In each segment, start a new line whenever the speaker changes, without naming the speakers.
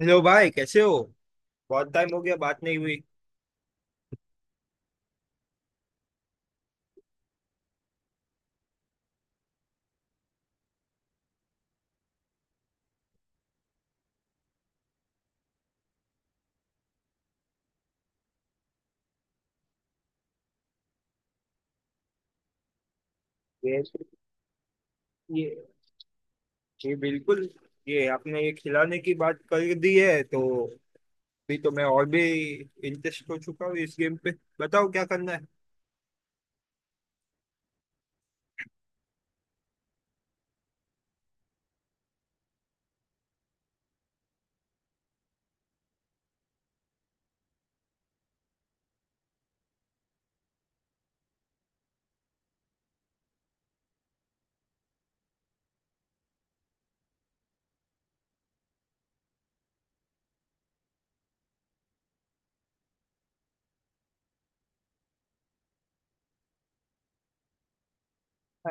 Hello भाई, कैसे हो। बहुत टाइम हो गया, बात नहीं हुई। ये ये ये बिल्कुल। ये आपने ये खिलाने की बात कर दी है, तो भी तो मैं और भी इंटरेस्ट हो चुका हूँ इस गेम पे। बताओ क्या करना है।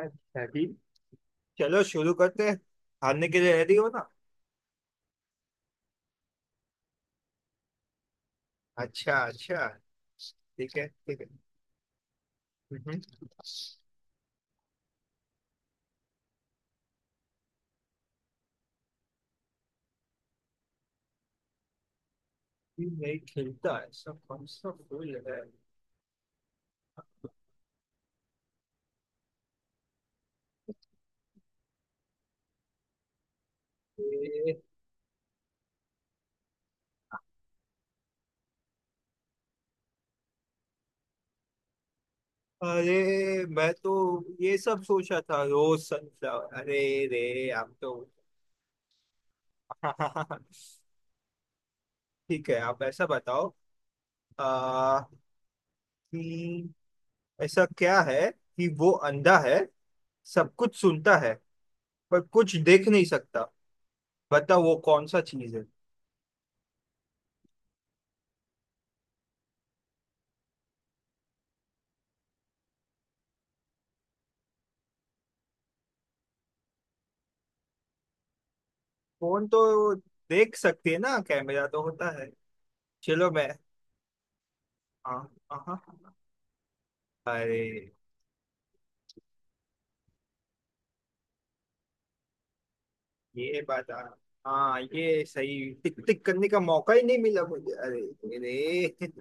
अच्छा ठीक। चलो शुरू करते हैं। हारने के लिए रेडी हो ना। अच्छा, अच्छा। ठीक है, ठीक है। हम्म, हम्म। ये नहीं खिलता, ऐसा कौन सा फूल है? ये- अरे, मैं तो ये सब सोचा था, रोज, सनफ्लावर। अरे रे, आप तो। हाँ, हाँ, हाँ, हाँ। ठीक है, आप ऐसा बताओ। आ, कि ऐसा क्या है कि वो अंधा है, सब कुछ सुनता है, पर कुछ देख नहीं सकता। बताओ वो कौन सा चीज है? फोन तो देख सकती है ना, कैमरा तो होता है। चलो मैं। हाँ, हाँ, हाँ, हाँ। अरे ये बात आ हाँ, ये सही। टिक टिक करने का मौका ही नहीं मिला मुझे। अरे मेरे।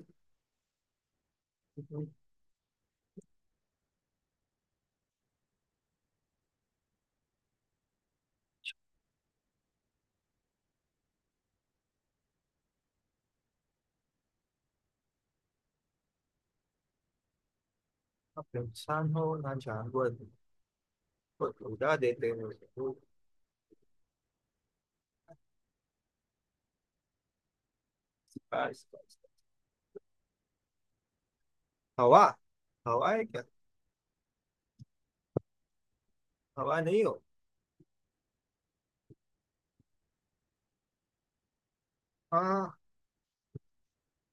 अब इंसान हो ना जानवर हो, तो उड़ा देते हो। बस, बस। हवा। हवा है क्या? हवा नहीं हो? हाँ।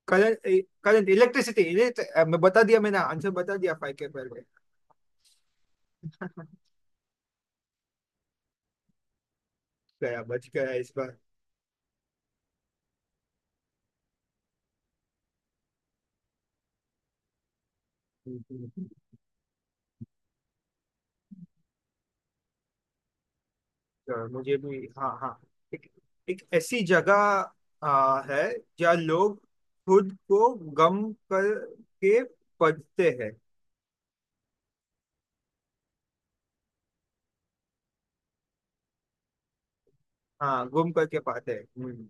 Current, current electricity. मैं बता दिया, मैंने आंसर बता दिया फाइव के पहले। गया, बच गया इस बार। तो मुझे भी। हाँ, हाँ। एक, एक ऐसी जगह है, जहाँ लोग खुद को गम करके पढ़ते हैं। हाँ, गुम करके पाते हैं। हम्म।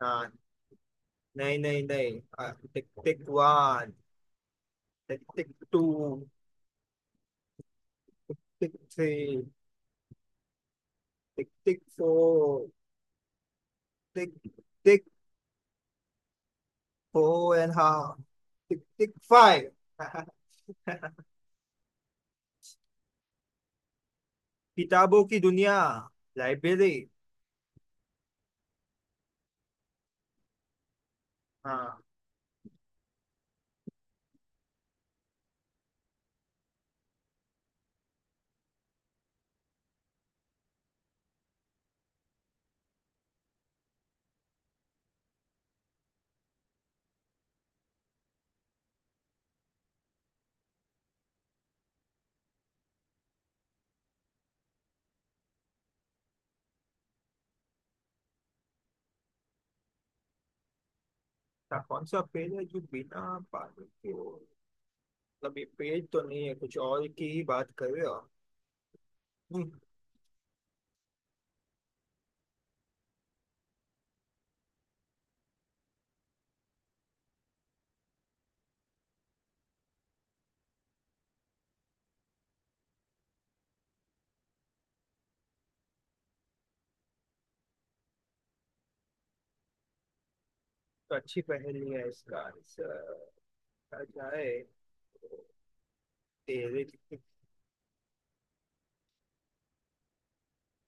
हाँ, नहीं, नहीं, नहीं, टिक tick one. Tick tick two. Tick three. Tick tick four. Tick tick. Oh and हाँ। Tick tick five. किताबों की दुनिया। लाइब्रेरी। हाँ, था कौन सा पेज है जो बिना पानी के हो? मतलब ये पेज तो नहीं है, कुछ और की ही बात कर रहे हो। हम्म। तो अच्छी पहेली है, इसका आंसर क्या जाए। तो तेरे टिक टिक।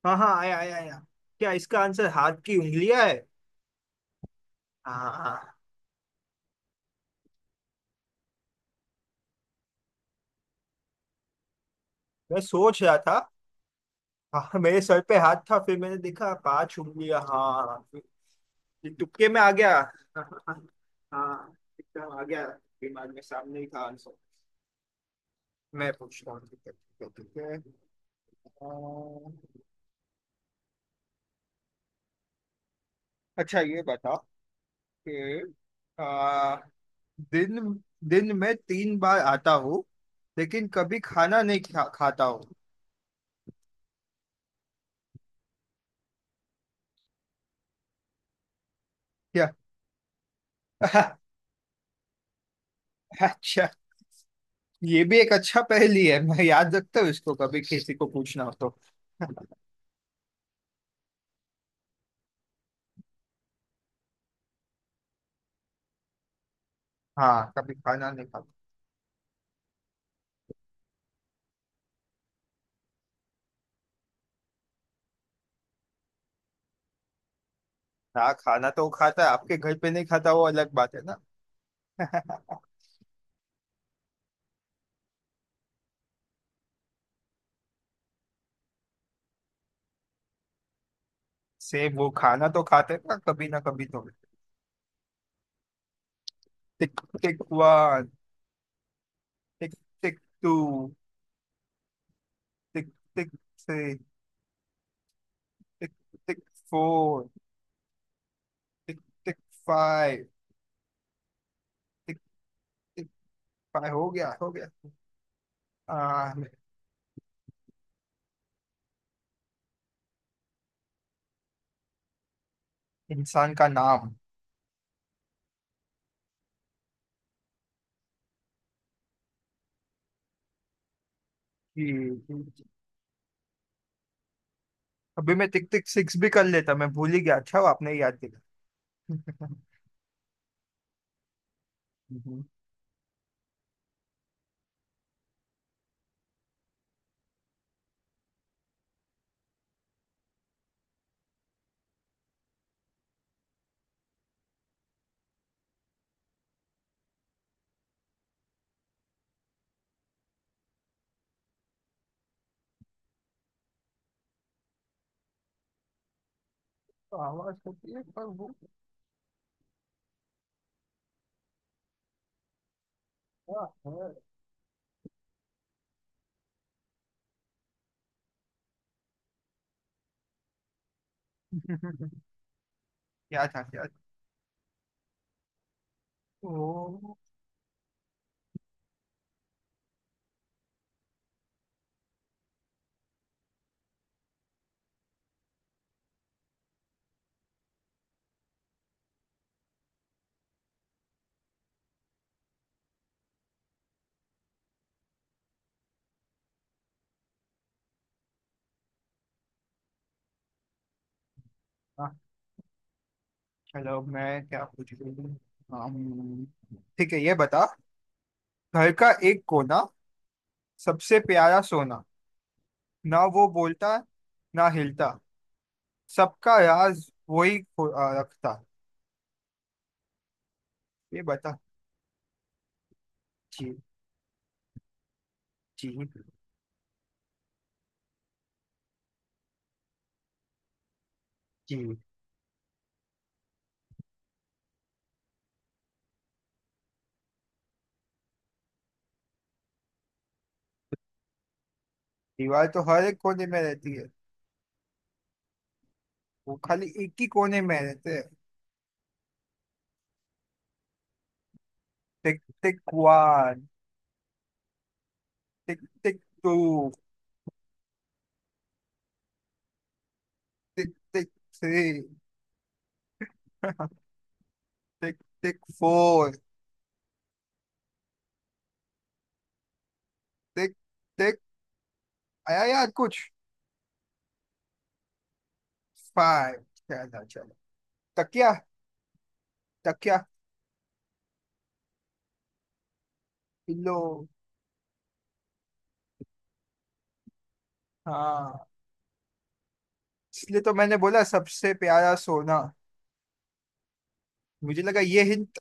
हाँ, हाँ, आया, आया, आया। क्या इसका आंसर हाथ की उंगलियां है? हाँ। मैं सोच रहा था। हाँ, मेरे सर पे हाथ था, फिर मैंने देखा पांच उंगलियां। हाँ। ये तुक्के में आ गया। हाँ। एकदम आ गया। दिमाग में सामने ही था आंसर। मैं पूछता हूँ। ठीक है, ठीक है, ठीक है। अ, अच्छा ये बता कि अ, दिन दिन में 3 बार आता हूँ, लेकिन कभी खाना नहीं खाता हूँ। क्या? अच्छा, ये भी एक अच्छा पहेली है, मैं याद रखता हूँ इसको, कभी किसी को पूछना हो तो। हाँ, कभी खाना नहीं खाता। हाँ, खाना तो वो खाता है, आपके घर पे नहीं खाता वो अलग बात है ना। सेम, वो खाना तो खाते हैं ना कभी तो। Tick tick one. Tick tick two. Tick tick three. Tick tick four. Tick tick five. Tick tick five हो गया, हो गया। आ, इंसान का नाम। कि- अभी मैं टिक टिक सिक्स भी कर लेता, मैं भूल ही गया। अच्छा वो आपने याद दिला। हम्म। तो आवाज होती है, पर वो क्या है? क्या था, क्या था? ओ। चलो, मैं क्या पूछ रही हूँ। अम्म, ठीक है ये बता। घर का एक कोना, सबसे प्यारा सोना, ना वो बोलता, ना हिलता, सबका राज वही रखता। ये बता। जी, जी, जी। दीवार तो हर एक कोने में रहती है। वो खाली एक ही कोने में रहते हैं। Tick tick one. Tick tick two. Tick tick three. Tick tick four. Tick टिक। आया यार कुछ। फाइव। चलो, चलो। तकिया। तकिया, पिल्लो। हाँ। इसलिए तो मैंने बोला सबसे प्यारा सोना। मुझे लगा ये हिंट।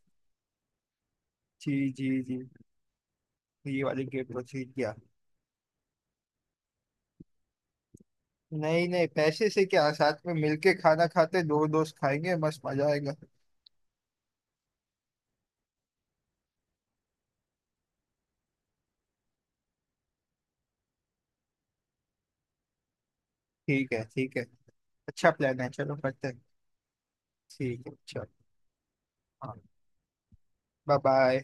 जी, जी, जी। ये वाली गेम तो ठीक गया। नहीं, नहीं, पैसे से क्या, साथ में मिलके खाना खाते, दो दोस्त खाएंगे, मस्त मजा आएगा। ठीक है, ठीक है। अच्छा प्लान है, चलो करते हैं। ठीक है, चलो। हाँ। Bye, bye.